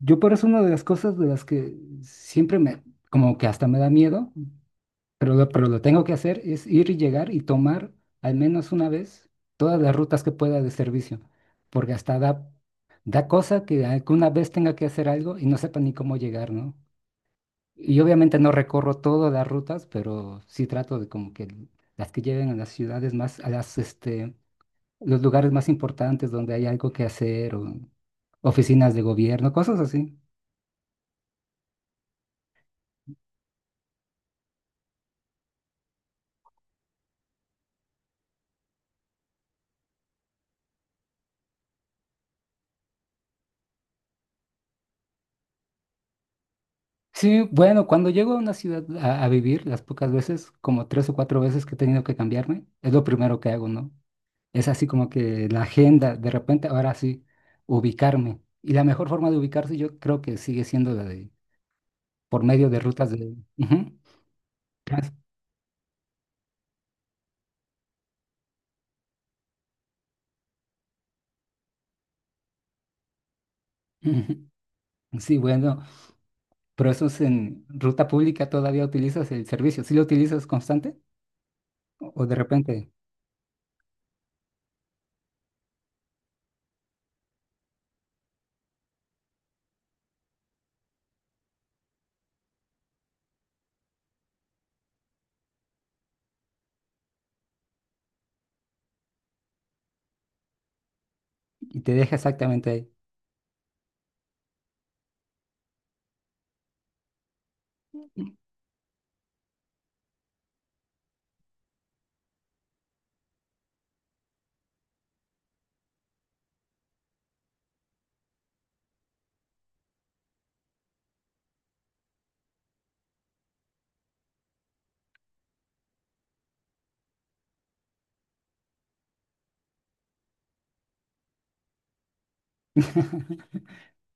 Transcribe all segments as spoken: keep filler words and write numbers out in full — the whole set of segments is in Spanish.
Yo por eso, una de las cosas de las que siempre me, como que hasta me da miedo, pero lo, pero lo tengo que hacer, es ir y llegar y tomar al menos una vez todas las rutas que pueda de servicio, porque hasta da, da cosa que alguna vez tenga que hacer algo y no sepa ni cómo llegar, ¿no? Y obviamente no recorro todas las rutas, pero sí trato de como que las que lleven a las ciudades más, a las, este, los lugares más importantes donde hay algo que hacer o oficinas de gobierno, cosas así. Sí, bueno, cuando llego a una ciudad a, a vivir, las pocas veces, como tres o cuatro veces que he tenido que cambiarme, es lo primero que hago, ¿no? Es así como que la agenda, de repente, ahora sí, ubicarme. Y la mejor forma de ubicarse yo creo que sigue siendo la de, por medio de rutas de. Ujú. trans- Ujú. Sí, bueno, pero eso es en ruta pública, todavía utilizas el servicio. ¿Sí lo utilizas constante o o de repente y te deja exactamente ahí?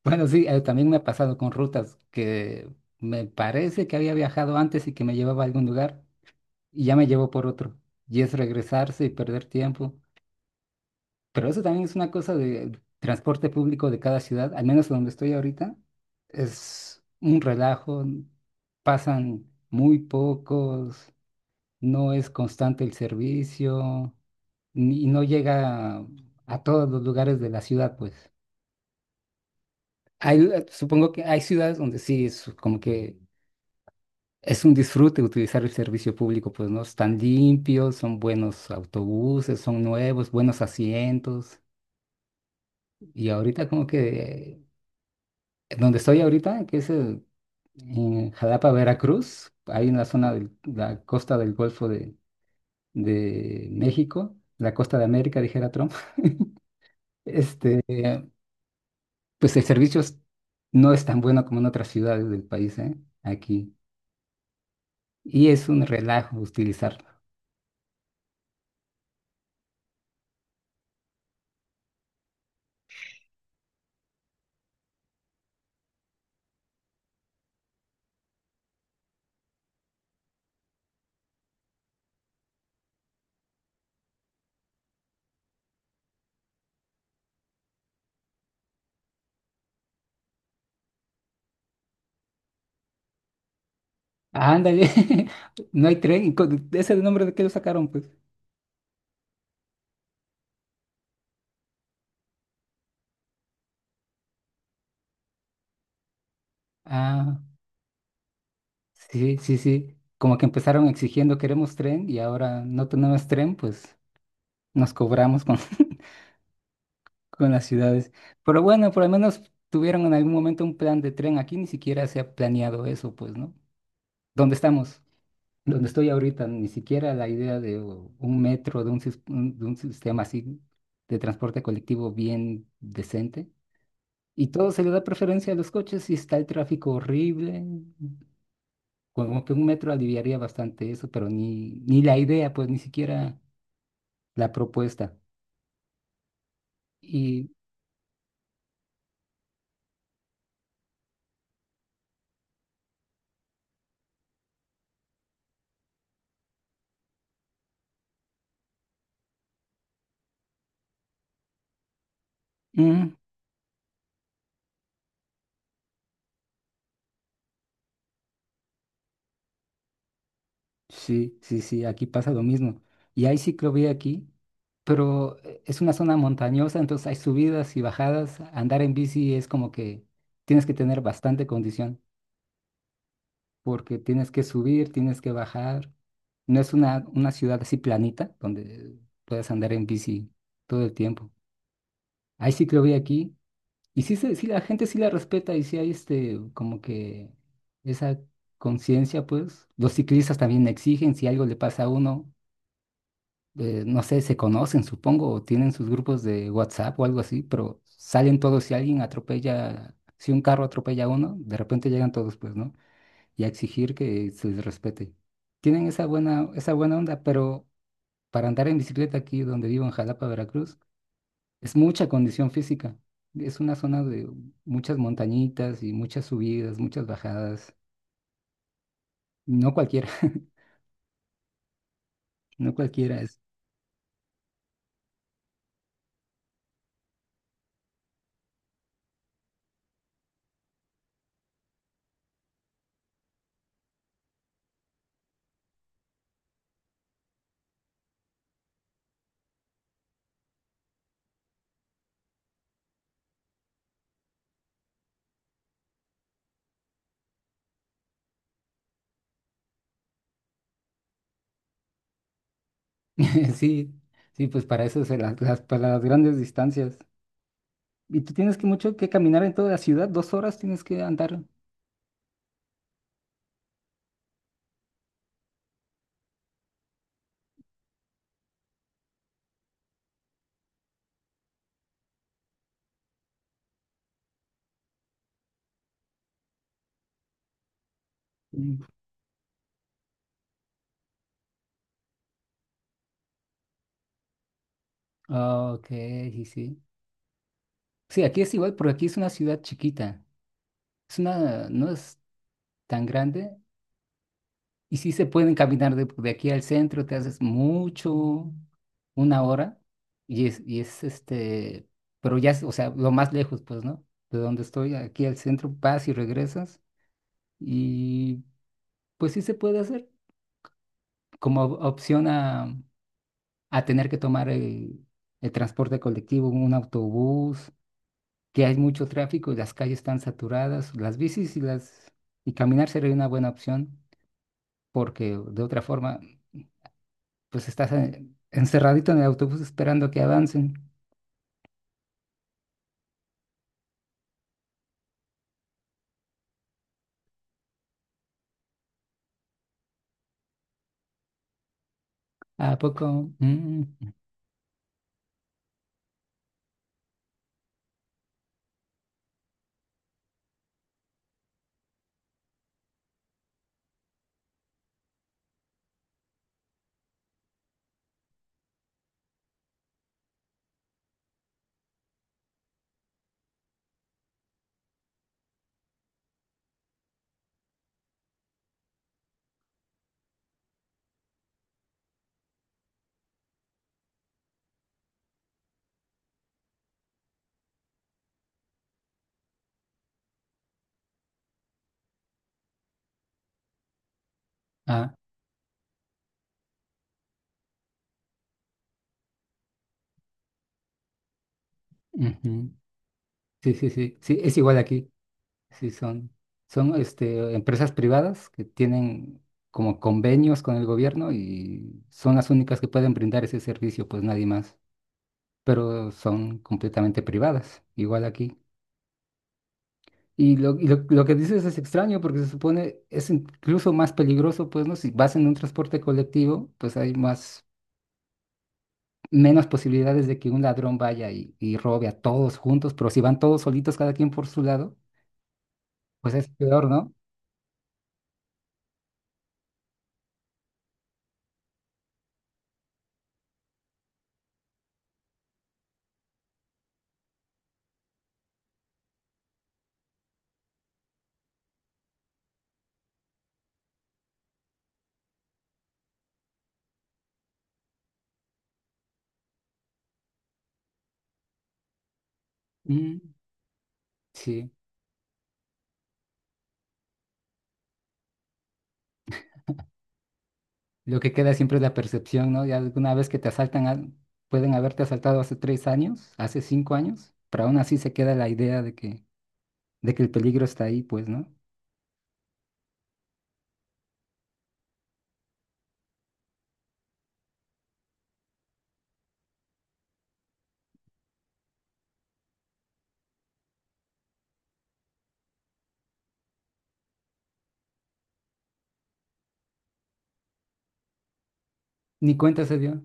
Bueno, sí, eh, también me ha pasado con rutas que me parece que había viajado antes y que me llevaba a algún lugar y ya me llevó por otro. Y es regresarse y perder tiempo. Pero eso también es una cosa de transporte público de cada ciudad, al menos donde estoy ahorita. Es un relajo, pasan muy pocos, no es constante el servicio ni- y no llega a todos los lugares de la ciudad, pues. Hay, eh, supongo que hay ciudades donde sí es como que es un disfrute utilizar el servicio público, pues no están limpios, son buenos autobuses, son nuevos, buenos asientos. Y ahorita como que eh, donde estoy ahorita, que es eh, en Jalapa, Veracruz, ahí en la zona de la costa del Golfo de, de México, la costa de América, dijera Trump, este, eh, pues el servicio es- no es tan bueno como en otras ciudades del país, ¿eh? Aquí. Y es un relajo utilizar. Ándale, no hay tren. Y co- ¿ese nombre de qué lo sacaron, pues? Ah, sí, sí, sí. Como que empezaron exigiendo queremos tren y ahora no tenemos tren, pues nos cobramos con, con las ciudades. Pero bueno, por lo menos tuvieron en algún momento un plan de tren. Aquí ni siquiera se ha planeado eso, pues, ¿no? ¿Dónde estamos? Donde estoy ahorita, ni siquiera la idea de u- un metro, de un, sis- un- de un sistema así de transporte colectivo bien decente. Y todo se le da preferencia a los coches y está el tráfico horrible. Como que un metro aliviaría bastante eso, pero ni, ni la idea, pues ni siquiera la propuesta. Y mm, sí, sí, sí, aquí pasa lo mismo. Y hay ciclovía aquí, pero eh, es una zona montañosa, entonces hay subidas y bajadas. Andar en bici es como que tienes que tener bastante condición, porque tienes que subir, tienes que bajar. No es una, una ciudad así planita donde puedes andar en bici todo el tiempo. Hay ciclovía aquí y sí, se- sí la gente sí la respeta, y sí hay este, como que esa conciencia, pues. Los ciclistas también exigen si algo le pasa a uno, eh, no sé, se conocen, supongo, o tienen sus grupos de WhatsApp o algo así, pero salen todos si alguien atropella, si un carro atropella a uno, de repente llegan todos, pues, ¿no? Y a exigir que se les respete. Tienen esa buena, esa buena onda, pero para andar en bicicleta aquí donde vivo en Jalapa, Veracruz, es mucha condición física. Es una zona de muchas montañitas y muchas subidas, muchas bajadas. No cualquiera, no cualquiera es. Sí, sí, pues para eso se las, las- para las grandes distancias. Y tú tienes que mucho que caminar en toda la ciudad, dos horas tienes que andar. Mm. Ah, Ok, sí, sí. Sí, aquí es igual, porque aquí es una ciudad chiquita. Es una, no es tan grande. Y sí se pueden caminar de, de aquí al centro, te haces mucho, una hora, y es, y es este, pero ya, es, o sea, lo más lejos, pues, ¿no? De donde estoy, aquí al centro, vas y regresas, y pues sí se puede hacer como op- opción a, a tener que tomar el, el transporte colectivo, un autobús, que hay mucho tráfico y las calles están saturadas, las bicis y las, y caminar sería una buena opción, porque de otra forma pues estás eh, encerradito en el autobús esperando que avancen. ¿A poco? Mm. Ah. Ujú. Sí, sí, sí, sí, es igual aquí. Sí, son, son este, empresas privadas que tienen como convenios con el gobierno y son las únicas que pueden brindar ese servicio, pues nadie más. Pero son completamente privadas, igual aquí. Y lo, y lo, lo que dices es extraño porque se supone es incluso más peligroso, pues, ¿no? Si vas en un transporte colectivo, pues hay más menos posibilidades de que un ladrón vaya y, y robe a todos juntos, pero si van todos solitos, cada quien por su lado, pues es peor, ¿no? Mm, sí, lo que queda siempre es la percepción, ¿no? Ya alguna vez que te asaltan, al- pueden haberte asaltado hace tres años, hace cinco años, pero aún así se queda la idea de que, de que el peligro está ahí, pues, ¿no? Ni cuenta se dio,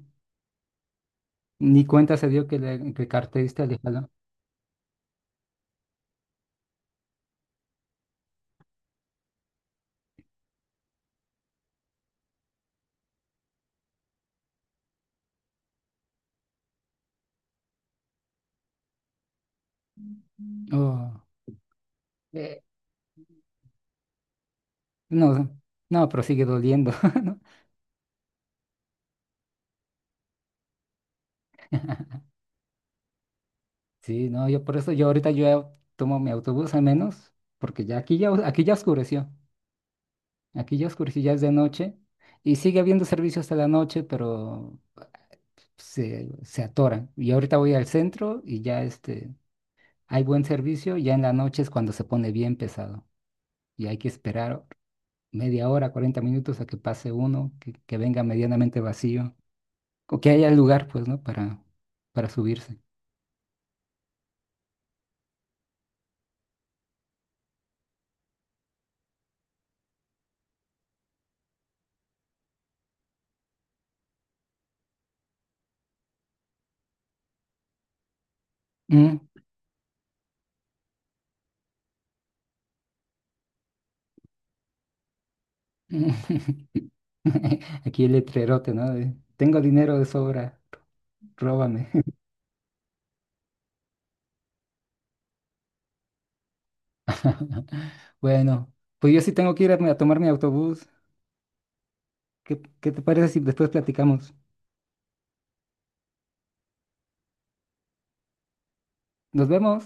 ni cuenta se dio que le que el carterista le jaló. Oh, eh, no, no, pero sigue doliendo. Sí, no, yo por eso, yo ahorita yo ya tomo mi autobús al menos, porque ya aquí ya, aquí ya oscureció, aquí ya oscureció, ya es de noche, y sigue habiendo servicio hasta la noche, pero se, se atoran. Y ahorita voy al centro y ya este, hay buen servicio, ya en la noche es cuando se pone bien pesado, y hay que esperar media hora, cuarenta minutos a que pase uno, que, que venga medianamente vacío, o que haya lugar, pues, ¿no? Para, para subirse. Mm. Mm. Aquí el letrerote, ¿no? De, tengo dinero de sobra, róbame. Bueno, pues yo sí tengo que ir a, a tomar mi autobús. ¿Qué, qué te parece si después platicamos? Nos vemos.